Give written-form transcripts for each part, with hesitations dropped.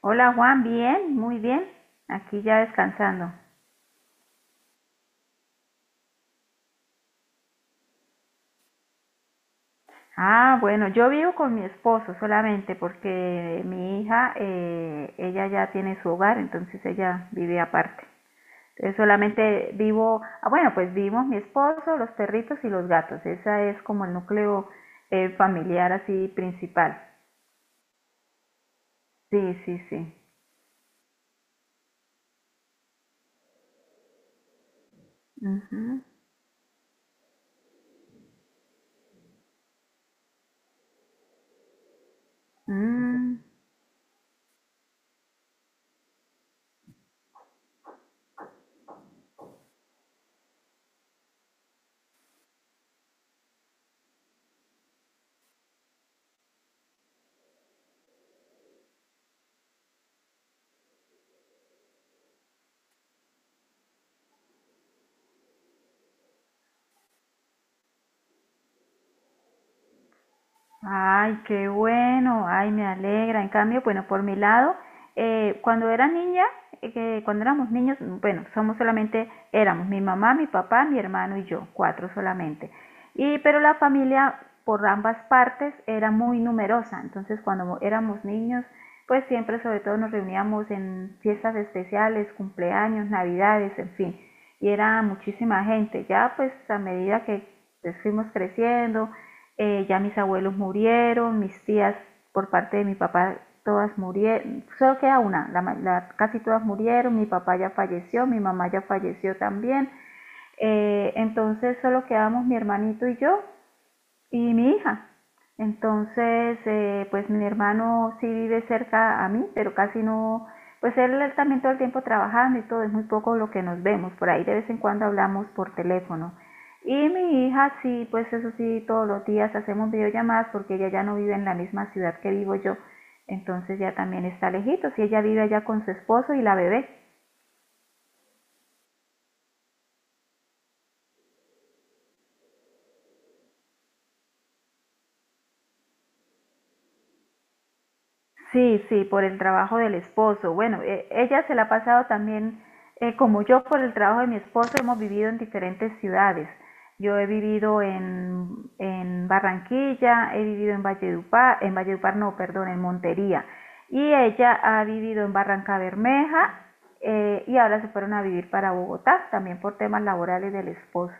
Hola Juan, bien, muy bien. Aquí ya descansando. Ah, bueno, yo vivo con mi esposo solamente porque mi hija, ella ya tiene su hogar, entonces ella vive aparte. Entonces solamente vivo, ah, bueno, pues vivimos mi esposo, los perritos y los gatos. Esa es como el núcleo familiar así principal. Sí, sí, sí. Ujú. Mm. Ay, qué bueno, ay, me alegra. En cambio, bueno, por mi lado, cuando era niña, que cuando éramos niños, bueno, somos solamente, éramos mi mamá, mi papá, mi hermano y yo, cuatro solamente. Y, pero la familia por ambas partes era muy numerosa, entonces cuando éramos niños, pues siempre sobre todo nos reuníamos en fiestas especiales, cumpleaños, navidades, en fin, y era muchísima gente. Ya pues a medida que pues, fuimos creciendo, ya mis abuelos murieron, mis tías por parte de mi papá todas murieron, solo queda una, casi todas murieron, mi papá ya falleció, mi mamá ya falleció también, entonces solo quedamos mi hermanito y yo y mi hija. Entonces, pues mi hermano sí vive cerca a mí, pero casi no, pues él también todo el tiempo trabajando y todo, es muy poco lo que nos vemos, por ahí de vez en cuando hablamos por teléfono. Y mi hija sí, pues eso sí, todos los días hacemos videollamadas porque ella ya no vive en la misma ciudad que vivo yo, entonces ya también está lejitos y ella vive allá con su esposo y la bebé. Sí, sí, por el trabajo del esposo. Bueno, ella se la ha pasado también, como yo, por el trabajo de mi esposo, hemos vivido en diferentes ciudades. Yo he vivido en Barranquilla, he vivido en Valledupar no, perdón, en Montería. Y ella ha vivido en Barranca Bermeja y ahora se fueron a vivir para Bogotá, también por temas laborales del esposo.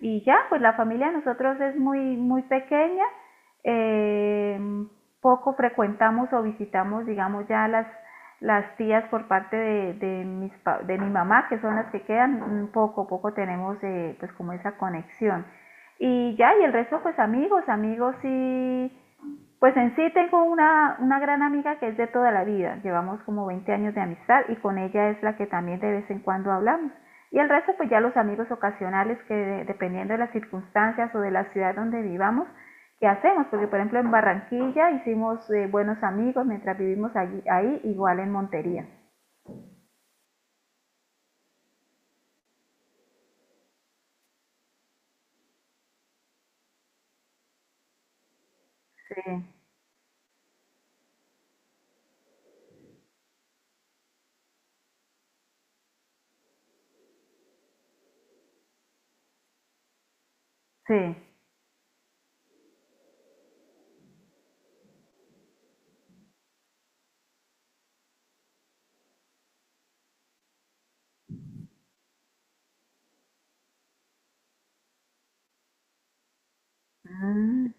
Y ya, pues la familia de nosotros es muy, muy pequeña eh, poco frecuentamos o visitamos, digamos, las tías por parte de de mi mamá, que son las que quedan, poco, poco tenemos pues como esa conexión. Y ya, y el resto pues amigos, amigos y pues en sí tengo una gran amiga que es de toda la vida, llevamos como 20 años de amistad y con ella es la que también de vez en cuando hablamos. Y el resto pues ya los amigos ocasionales dependiendo de las circunstancias o de la ciudad donde vivamos, que hacemos, porque por ejemplo en Barranquilla hicimos buenos amigos mientras vivimos allí, ahí, igual en Montería. Sí, sí. Mm.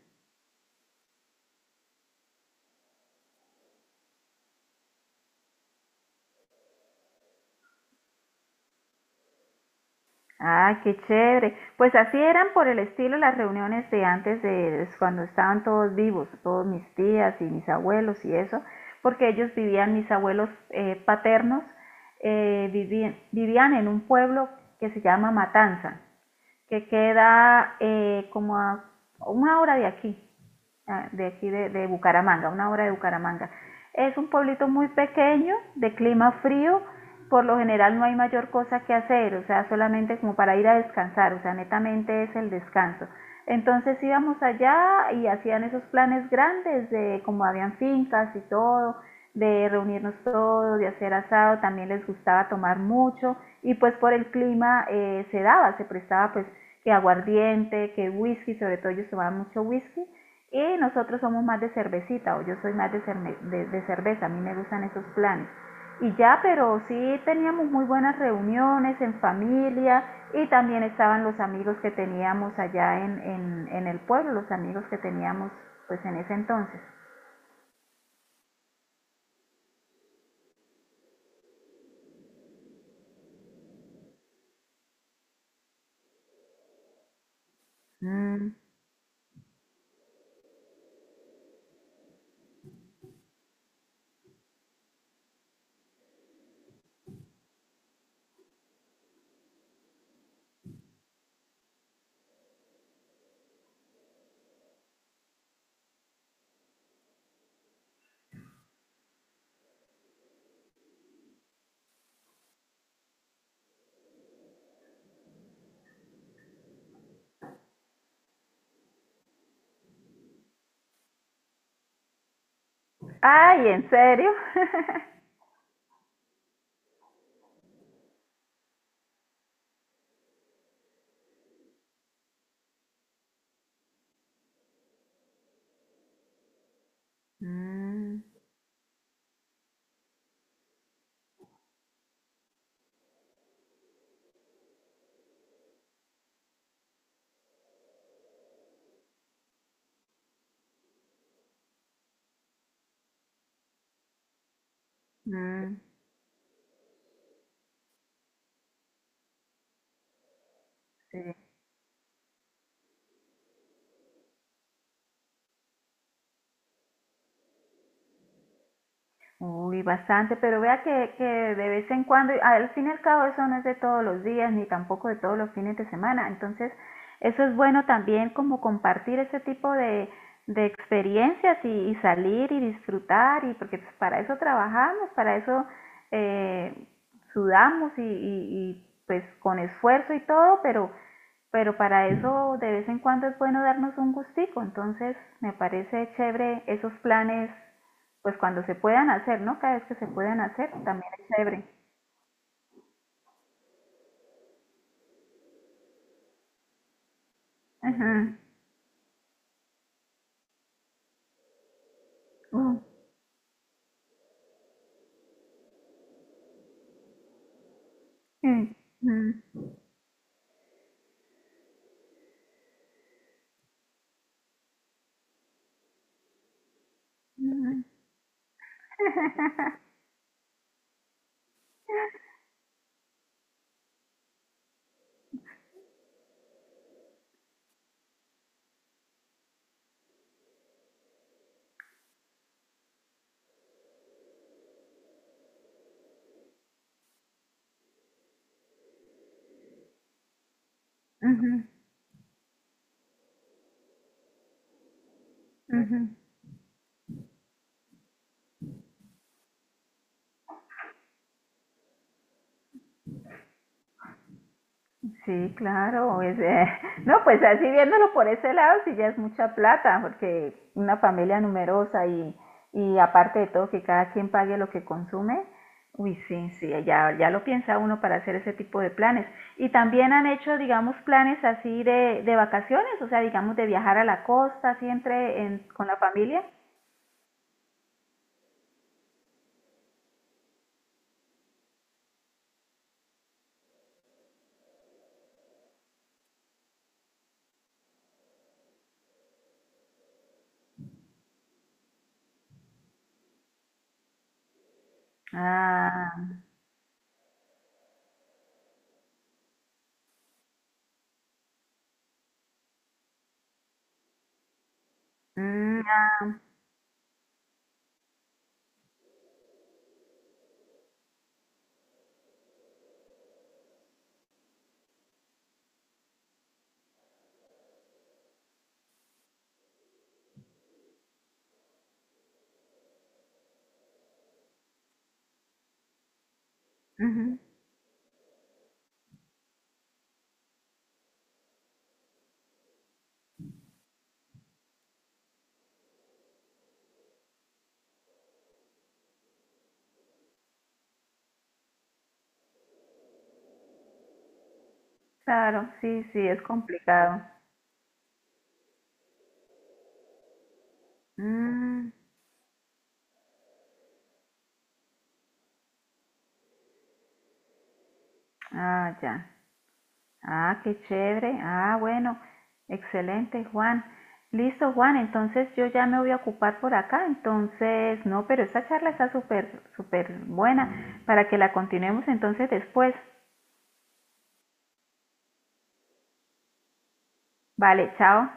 Ah, qué chévere. Pues así eran por el estilo las reuniones de antes de cuando estaban todos vivos, todos mis tías y mis abuelos y eso, porque ellos vivían, mis abuelos paternos, vivían en un pueblo que se llama Matanza, que queda como a una hora de aquí, ah, de aquí de Bucaramanga, una hora de Bucaramanga. Es un pueblito muy pequeño, de clima frío, por lo general no hay mayor cosa que hacer, o sea, solamente como para ir a descansar, o sea, netamente es el descanso. Entonces íbamos allá y hacían esos planes grandes de como habían fincas y todo, de reunirnos todos, de hacer asado, también les gustaba tomar mucho y pues por el clima se daba, se prestaba pues que aguardiente, que whisky, sobre todo ellos tomaban mucho whisky y nosotros somos más de cervecita o yo soy más de cerveza, a mí me gustan esos planes. Y ya, pero sí teníamos muy buenas reuniones en familia y también estaban los amigos que teníamos allá en el pueblo, los amigos que teníamos pues en ese entonces. Mm. Ay, ¿en serio? mm, mm, sí. Uy, bastante, pero vea que de vez en cuando, y al fin y al cabo eso no es de todos los días ni tampoco de todos los fines de semana, entonces eso es bueno también como compartir ese tipo de experiencias y salir y disfrutar y porque pues, para eso trabajamos, para eso eh, sudamos pues con esfuerzo y todo, pero para eso de vez en cuando es bueno darnos un gustico, entonces me parece chévere esos planes, pues cuando se puedan hacer, ¿no? Cada vez que se puedan hacer, también es chévere. Ujú. Ujú. Ujú. Ujú. Ujú. Ujú. Sí, claro. Es, no, pues así viéndolo por ese lado, sí ya es mucha plata, porque una familia numerosa y aparte de todo que cada quien pague lo que consume, uy, sí, sí, ya, ya lo piensa uno para hacer ese tipo de planes. Y también han hecho, digamos, planes así de vacaciones, o sea, digamos, de viajar a la costa, así entre con la familia. Ah, mm, ah, ujú, claro, sí, sí, es complicado. Mm, ah, ya. Ah, qué chévere. Ah, bueno, excelente, Juan. Listo, Juan, entonces yo ya me voy a ocupar por acá. Entonces, no, pero esta charla está súper, súper buena para que la continuemos entonces después. Vale, chao.